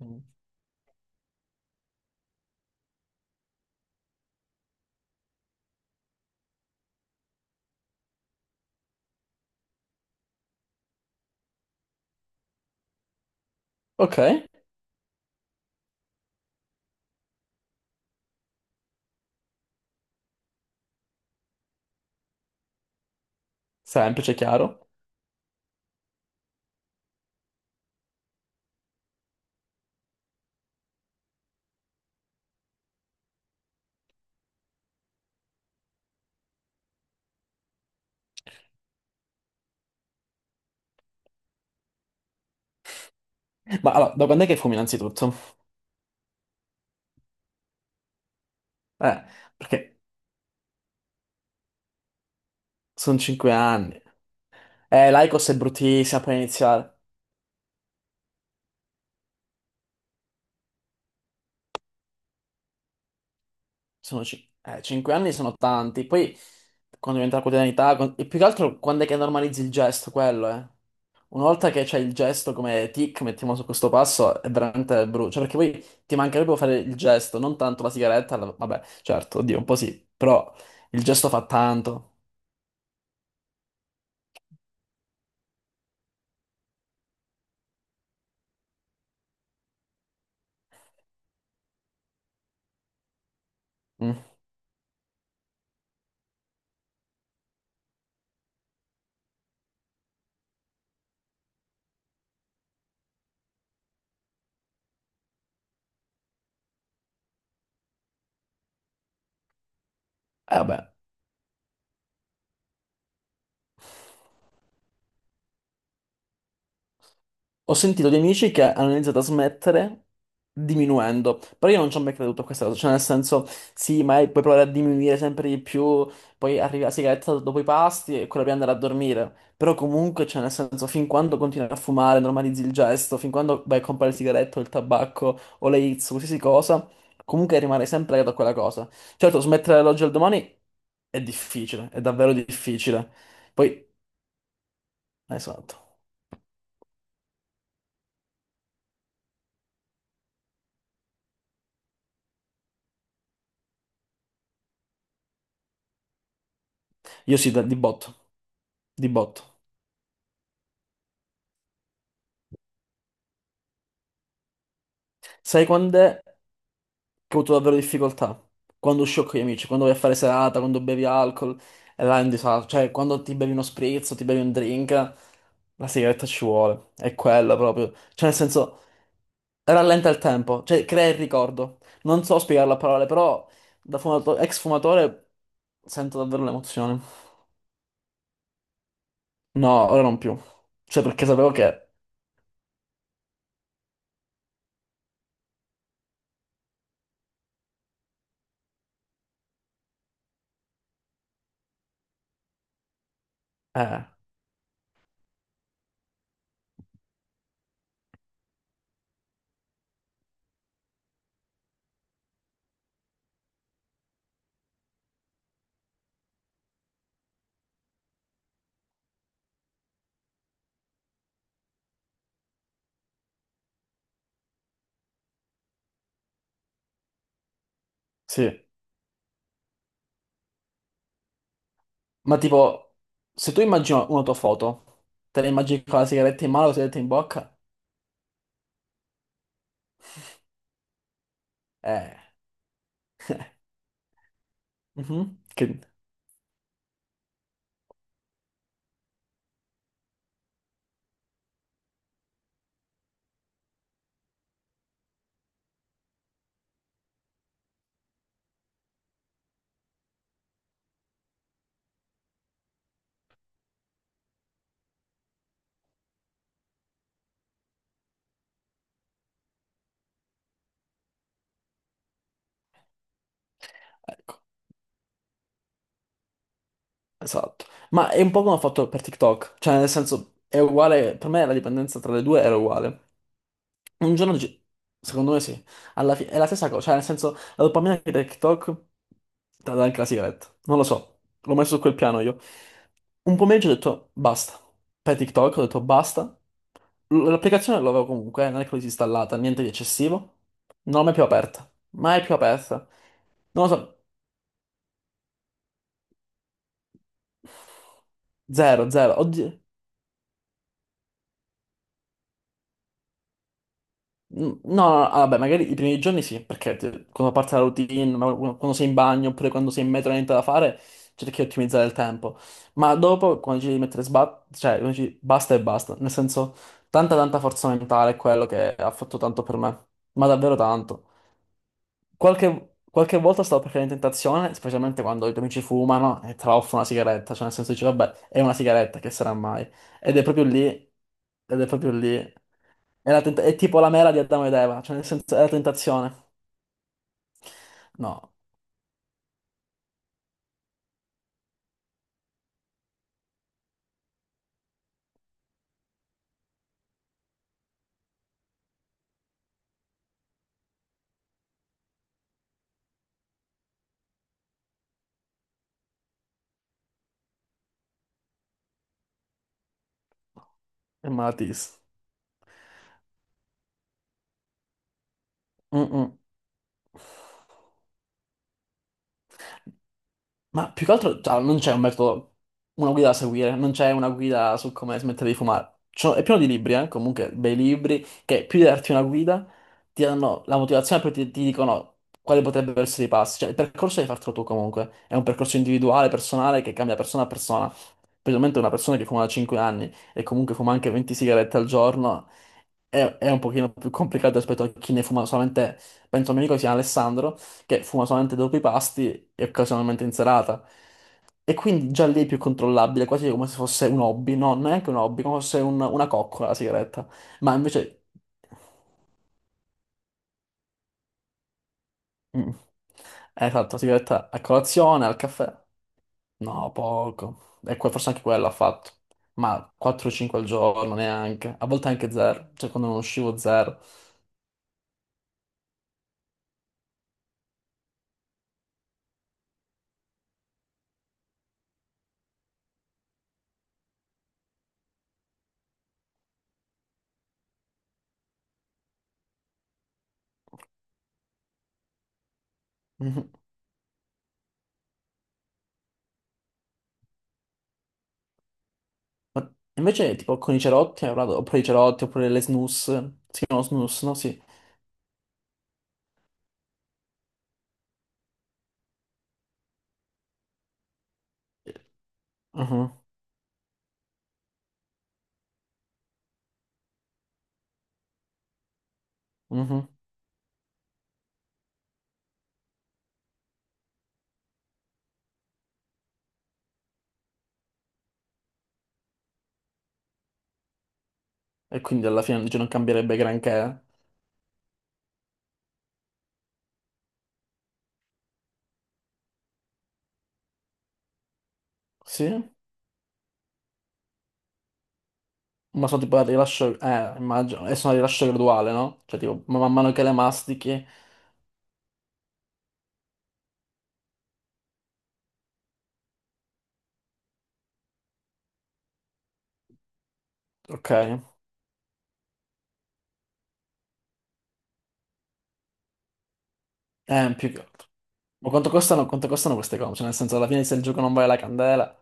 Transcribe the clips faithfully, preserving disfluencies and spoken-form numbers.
Mm. Ok, semplice, chiaro. Ma allora, da quando è che fumi innanzitutto? Eh, perché sono cinque anni. Eh, l'Aicos è bruttissima per iniziare. Sono cin- eh, cinque anni sono tanti. Poi, quando diventa la quotidianità, con- e più che altro quando è che normalizzi il gesto, quello, eh. Una volta che c'è il gesto come tic, mettiamo su questo passo, è veramente brutto. Cioè, perché poi ti mancherebbe fare il gesto, non tanto la sigaretta. la- Vabbè, certo, oddio, un po' sì, però il gesto fa tanto. Mm. E vabbè. Ho sentito di amici che hanno iniziato a smettere diminuendo, però io non ci ho mai creduto a questa cosa, cioè nel senso, sì, ma puoi provare a diminuire sempre di più, poi arriva la sigaretta dopo i pasti e quella di andare a dormire, però comunque, cioè nel senso, fin quando continui a fumare, normalizzi il gesto, fin quando vai a comprare il sigaretto, il tabacco o le hits, qualsiasi cosa, comunque rimane sempre legato a quella cosa. Certo, smettere dall'oggi al domani è difficile, è davvero difficile. Poi, esatto, io sì, da- di botto, di botto. Sai quando è che ho avuto davvero difficoltà? Quando uscivo con gli amici, quando vai a fare serata, quando bevi alcol, e là è un disastro. Cioè, quando ti bevi uno spritz, o ti bevi un drink, la sigaretta ci vuole. È quella proprio. Cioè, nel senso, rallenta il tempo, cioè, crea il ricordo. Non so spiegarlo a parole, però da fumato- ex fumatore sento davvero l'emozione. No, ora non più. Cioè, perché sapevo che. Eh, sì. Ma tipo, se tu immagini una tua foto, te la immagini con la sigaretta in mano, la sigaretta in bocca, eh, mhm, che- ecco, esatto. Ma è un po' come ho fatto per TikTok, cioè nel senso, è uguale, per me la dipendenza tra le due era uguale. Un giorno, ci- secondo me sì, alla fine è la stessa cosa, cioè nel senso, la dopamina che dai TikTok te la dà anche la sigaretta, non lo so, l'ho messo su quel piano io. Un pomeriggio ho detto basta, per TikTok ho detto basta, L- L'applicazione l'avevo comunque, eh, non è che l'ho disinstallata, niente di eccessivo. Non l'ho mai più aperta. Mai più aperta. Non lo so. Zero, zero. Oddio. N- No, no, no, ah, vabbè, magari i primi giorni sì, perché ti- quando parte la routine, ma qu- quando sei in bagno oppure quando sei in metro e non hai niente da fare, cerchi di ottimizzare il tempo. Ma dopo, quando ci devi mettere sba- cioè, quando ci- basta e basta. Nel senso, tanta tanta forza mentale è quello che ha fatto tanto per me. Ma davvero tanto. Qualche, qualche volta stavo per cadere in tentazione, specialmente quando i tuoi amici fumano e tra l'altro una sigaretta, cioè nel senso dici, vabbè, è una sigaretta, che sarà mai? Ed è proprio lì, ed è proprio lì, è, la tenta- è tipo la mela di Adamo ed Eva, cioè nel senso è la tentazione. No, è malatissimo. Ma più che altro, cioè, non c'è un metodo, una guida da seguire, non c'è una guida su come smettere di fumare. Cioè, è pieno di libri, eh, comunque, bei libri, che più di darti una guida, ti danno la motivazione, poi ti, ti dicono quali potrebbero essere i passi. Cioè, il percorso devi fartelo tu comunque. È un percorso individuale, personale, che cambia persona a persona. Specialmente una persona che fuma da cinque anni e comunque fuma anche venti sigarette al giorno, è, è un pochino più complicato rispetto a chi ne fuma solamente, penso a un mio amico che si chiama Alessandro, che fuma solamente dopo i pasti e occasionalmente in serata. E quindi già lì è più controllabile, quasi come se fosse un hobby, no, neanche un hobby, come se fosse un- una coccola la sigaretta. Ma invece... Mm. Eh, esatto, la sigaretta a colazione, al caffè. No, poco. E que- forse anche quello ha fatto. Ma quattro o cinque al giorno neanche. A volte anche zero. Cioè, quando non uscivo zero. Mhm. Ma invece, tipo, con i cerotti, hai parlato- oppure i cerotti, oppure le snus. Si chiamano snus, no? Sì. Mhm, mhm. E quindi alla fine dice non cambierebbe granché. Sì? Ma sono tipo a rilascio. Eh, immagino. E sono a rilascio graduale, no? Cioè, tipo, ma man mano che le mastichi. Ok. Eh, più che. Ma quanto costano, quanto costano queste cose? Cioè, nel senso, alla fine se il gioco non vale la candela.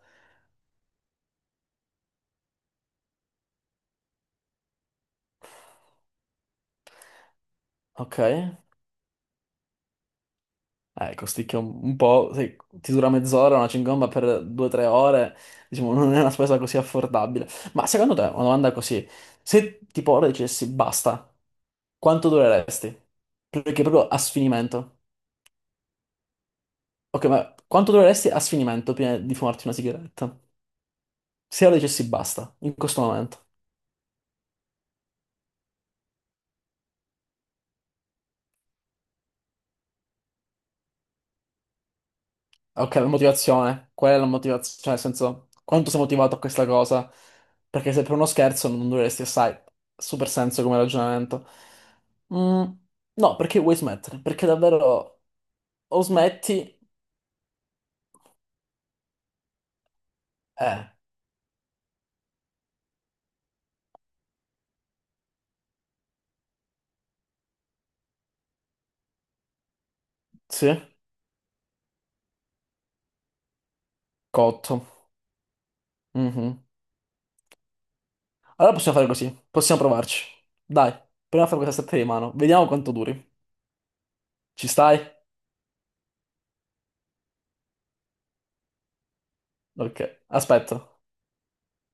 Ok. Eh, costicchia un, un po'. Se ti dura mezz'ora, una cingomba per due o tre ore. Diciamo, non è una spesa così affordabile. Ma secondo te, una domanda così. Se tipo ora dicessi basta, quanto dureresti? Perché proprio a sfinimento. Ok, ma quanto dureresti a sfinimento prima di fumarti una sigaretta? Se lo dicessi basta, in questo momento. Ok, la motivazione, qual è la motivazione? Cioè, nel senso, quanto sei motivato a questa cosa? Perché se per uno scherzo non dureresti assai, super senso come ragionamento. Mm, no, perché vuoi smettere? Perché davvero o smetti, eh, sì, cotto. Mhm. Allora possiamo fare così, possiamo provarci. Dai, proviamo a fare questa stretta di mano, vediamo quanto duri. Ci stai? Ok, aspetto.